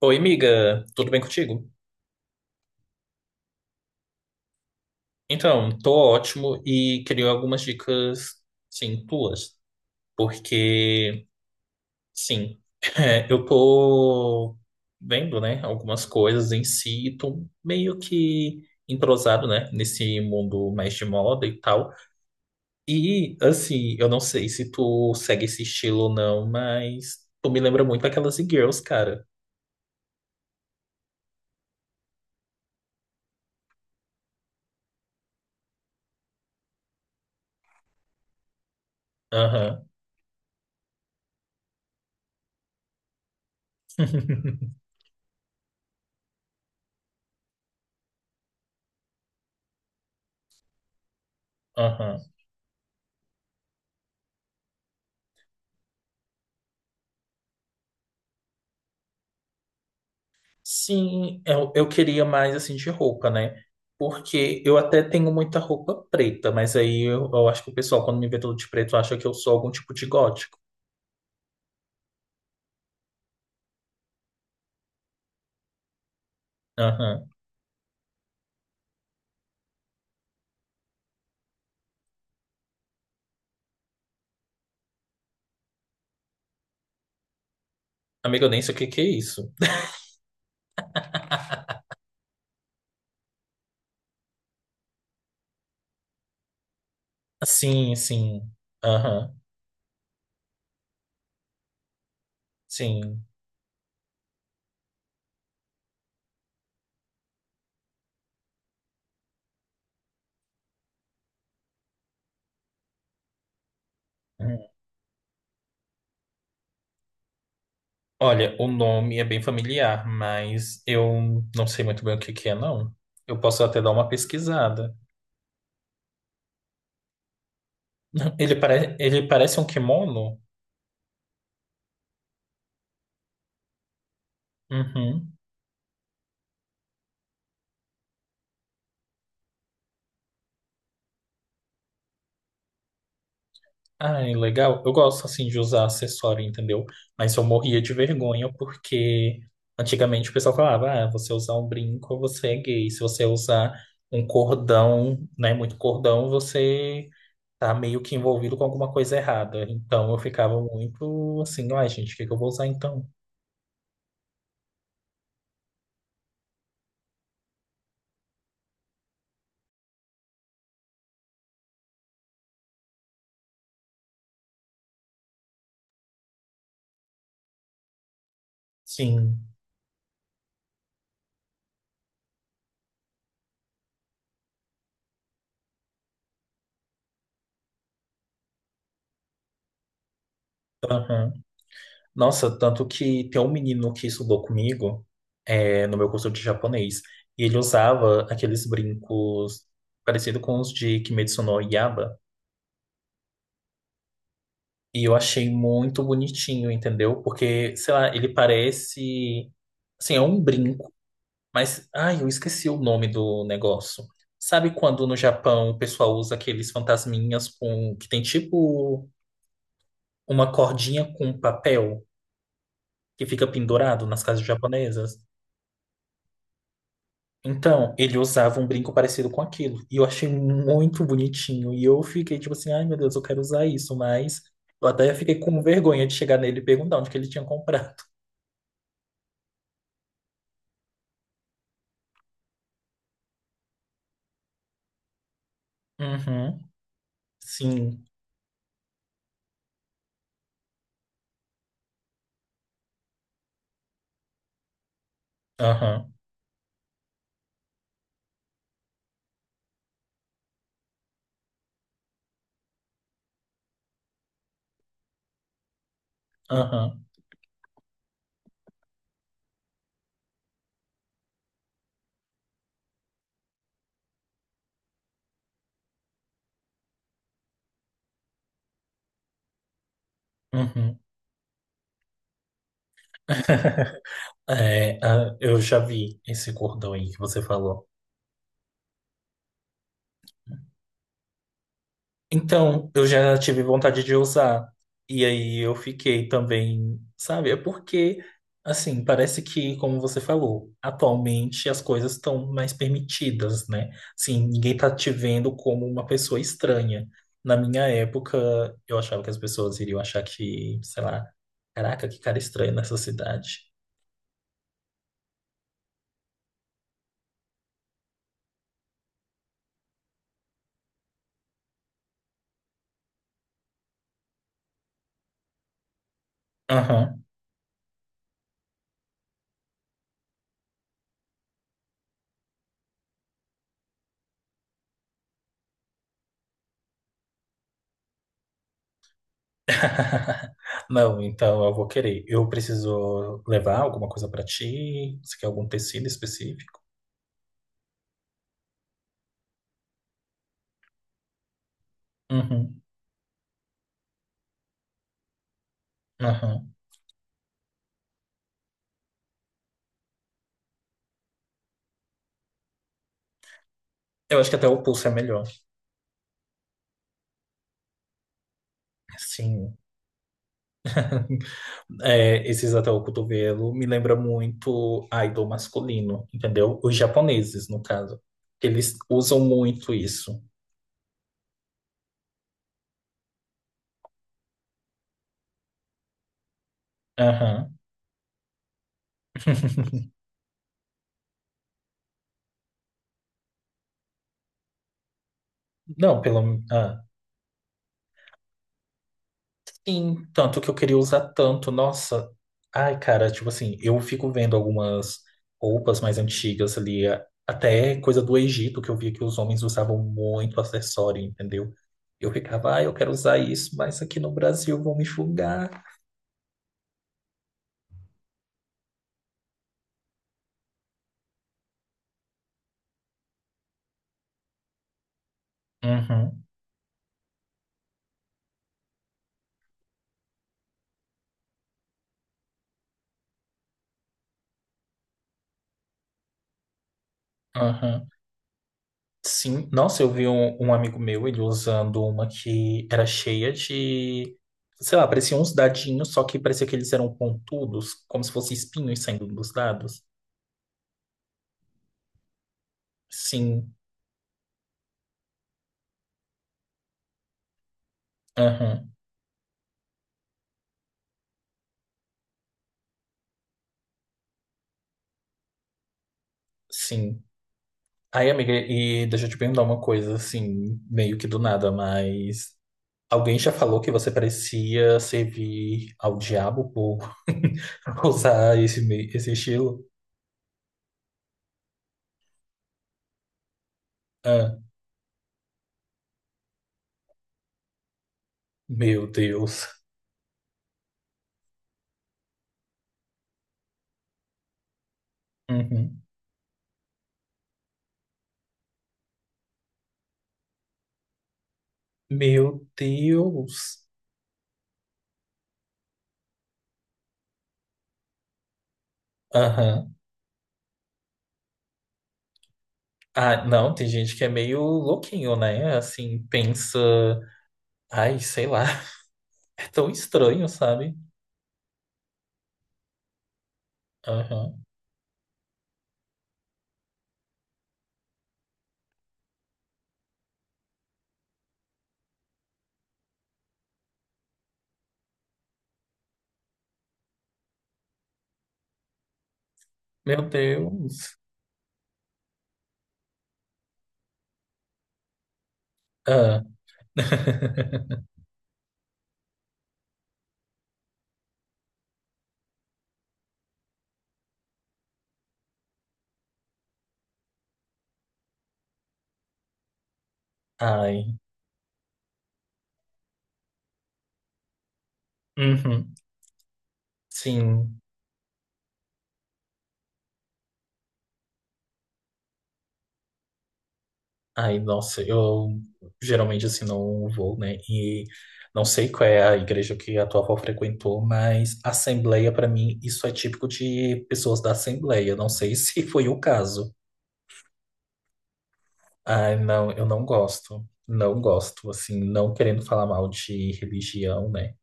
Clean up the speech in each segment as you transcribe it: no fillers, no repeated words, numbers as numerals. Oi, amiga, tudo bem contigo? Então, tô ótimo e queria algumas dicas, sim, tuas, porque, sim, é, eu tô vendo, né, algumas coisas em si e tô meio que entrosado, né, nesse mundo mais de moda e tal. E, assim, eu não sei se tu segue esse estilo ou não, mas tu me lembra muito aquelas e-girls, cara. Aham, aham. Sim, eu queria mais assim de roupa, né? Porque eu até tenho muita roupa preta, mas aí eu acho que o pessoal, quando me vê todo de preto, acha que eu sou algum tipo de gótico. Aham. Amigo, eu nem sei o que que é isso. Sim, sim. Aham. Sim. Hum. Olha, o nome é bem familiar, mas eu não sei muito bem o que que é, não. Eu posso até dar uma pesquisada. Ele, Ele parece um kimono? Uhum. Ah, é legal. Eu gosto assim de usar acessório, entendeu? Mas eu morria de vergonha porque antigamente o pessoal falava: ah, você usar um brinco, você é gay. Se você usar um cordão, né, muito cordão, você tá meio que envolvido com alguma coisa errada. Então eu ficava muito assim: ai, gente, o que que eu vou usar então? Sim. Aham. Nossa, tanto que tem um menino que estudou comigo, é, no meu curso de japonês, e ele usava aqueles brincos parecido com os de Kimetsu no Yaiba, e eu achei muito bonitinho, entendeu? Porque, sei lá, ele parece, assim, é um brinco, mas, ai, eu esqueci o nome do negócio. Sabe quando no Japão o pessoal usa aqueles fantasminhas com que tem tipo uma cordinha com papel que fica pendurado nas casas japonesas? Então, ele usava um brinco parecido com aquilo. E eu achei muito bonitinho. E eu fiquei tipo assim, ai meu Deus, eu quero usar isso. Mas eu até fiquei com vergonha de chegar nele e perguntar onde que ele tinha comprado. Uhum. Sim. Aham. Aham. Uhum. É, ah, eu já vi esse cordão aí que você falou. Então, eu já tive vontade de usar. E aí eu fiquei também, sabe? É porque, assim, parece que, como você falou, atualmente as coisas estão mais permitidas, né? Assim, ninguém tá te vendo como uma pessoa estranha. Na minha época, eu achava que as pessoas iriam achar que, sei lá, caraca, que cara estranho nessa cidade. Aham. Não, então eu vou querer. Eu preciso levar alguma coisa pra ti? Você quer algum tecido específico? Uhum, uhum. Eu acho que até o pulso é melhor. Sim. É, esses até o cotovelo me lembra muito idol masculino, entendeu? Os japoneses, no caso. Eles usam muito isso. Aham. Não, pelo menos. Sim, tanto que eu queria usar tanto. Nossa, ai, cara, tipo assim, eu fico vendo algumas roupas mais antigas ali, até coisa do Egito, que eu via que os homens usavam muito acessório, entendeu? Eu ficava, ah, eu quero usar isso, mas aqui no Brasil vão me julgar. Uhum, uhum. Sim, nossa, eu vi um amigo meu, ele usando uma que era cheia de, sei lá, parecia uns dadinhos, só que parecia que eles eram pontudos, como se fossem espinhos saindo dos dados. Sim. Aham, sim. Aí, amiga, e deixa eu te perguntar uma coisa, assim, meio que do nada, mas alguém já falou que você parecia servir ao diabo por usar esse estilo? Ah, meu Deus. Uhum. Meu Deus. Aham. Ah, não, tem gente que é meio louquinho, né? Assim, pensa, ai, sei lá, é tão estranho, sabe? Aham. Meu Deus. Ah. Ai. Uhum, sim. Ai, nossa, eu geralmente assim não vou, né? E não sei qual é a igreja que a tua avó frequentou, mas assembleia, pra mim, isso é típico de pessoas da assembleia. Não sei se foi o caso. Ai, não, eu não gosto. Não gosto, assim, não querendo falar mal de religião, né?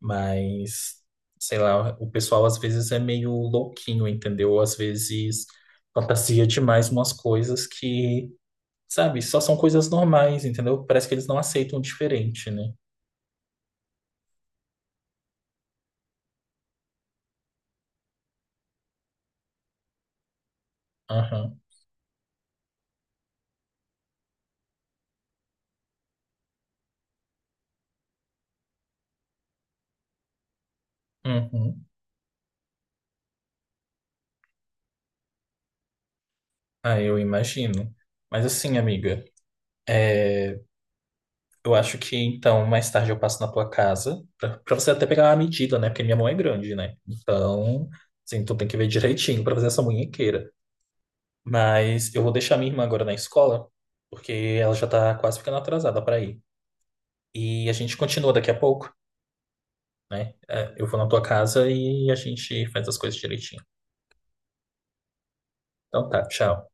Mas, sei lá, o pessoal às vezes é meio louquinho, entendeu? Às vezes fantasia demais umas coisas que. Sabe? Só são coisas normais, entendeu? Parece que eles não aceitam o diferente, né? Aham. Uhum. Ah, eu imagino. Mas assim, amiga, é, eu acho que então mais tarde eu passo na tua casa pra você até pegar a medida, né? Porque minha mão é grande, né? Então, assim, tu tem que ver direitinho pra fazer essa munhequeira. Mas eu vou deixar minha irmã agora na escola, porque ela já tá quase ficando atrasada pra ir. E a gente continua daqui a pouco, né? É, eu vou na tua casa e a gente faz as coisas direitinho. Então tá, tchau.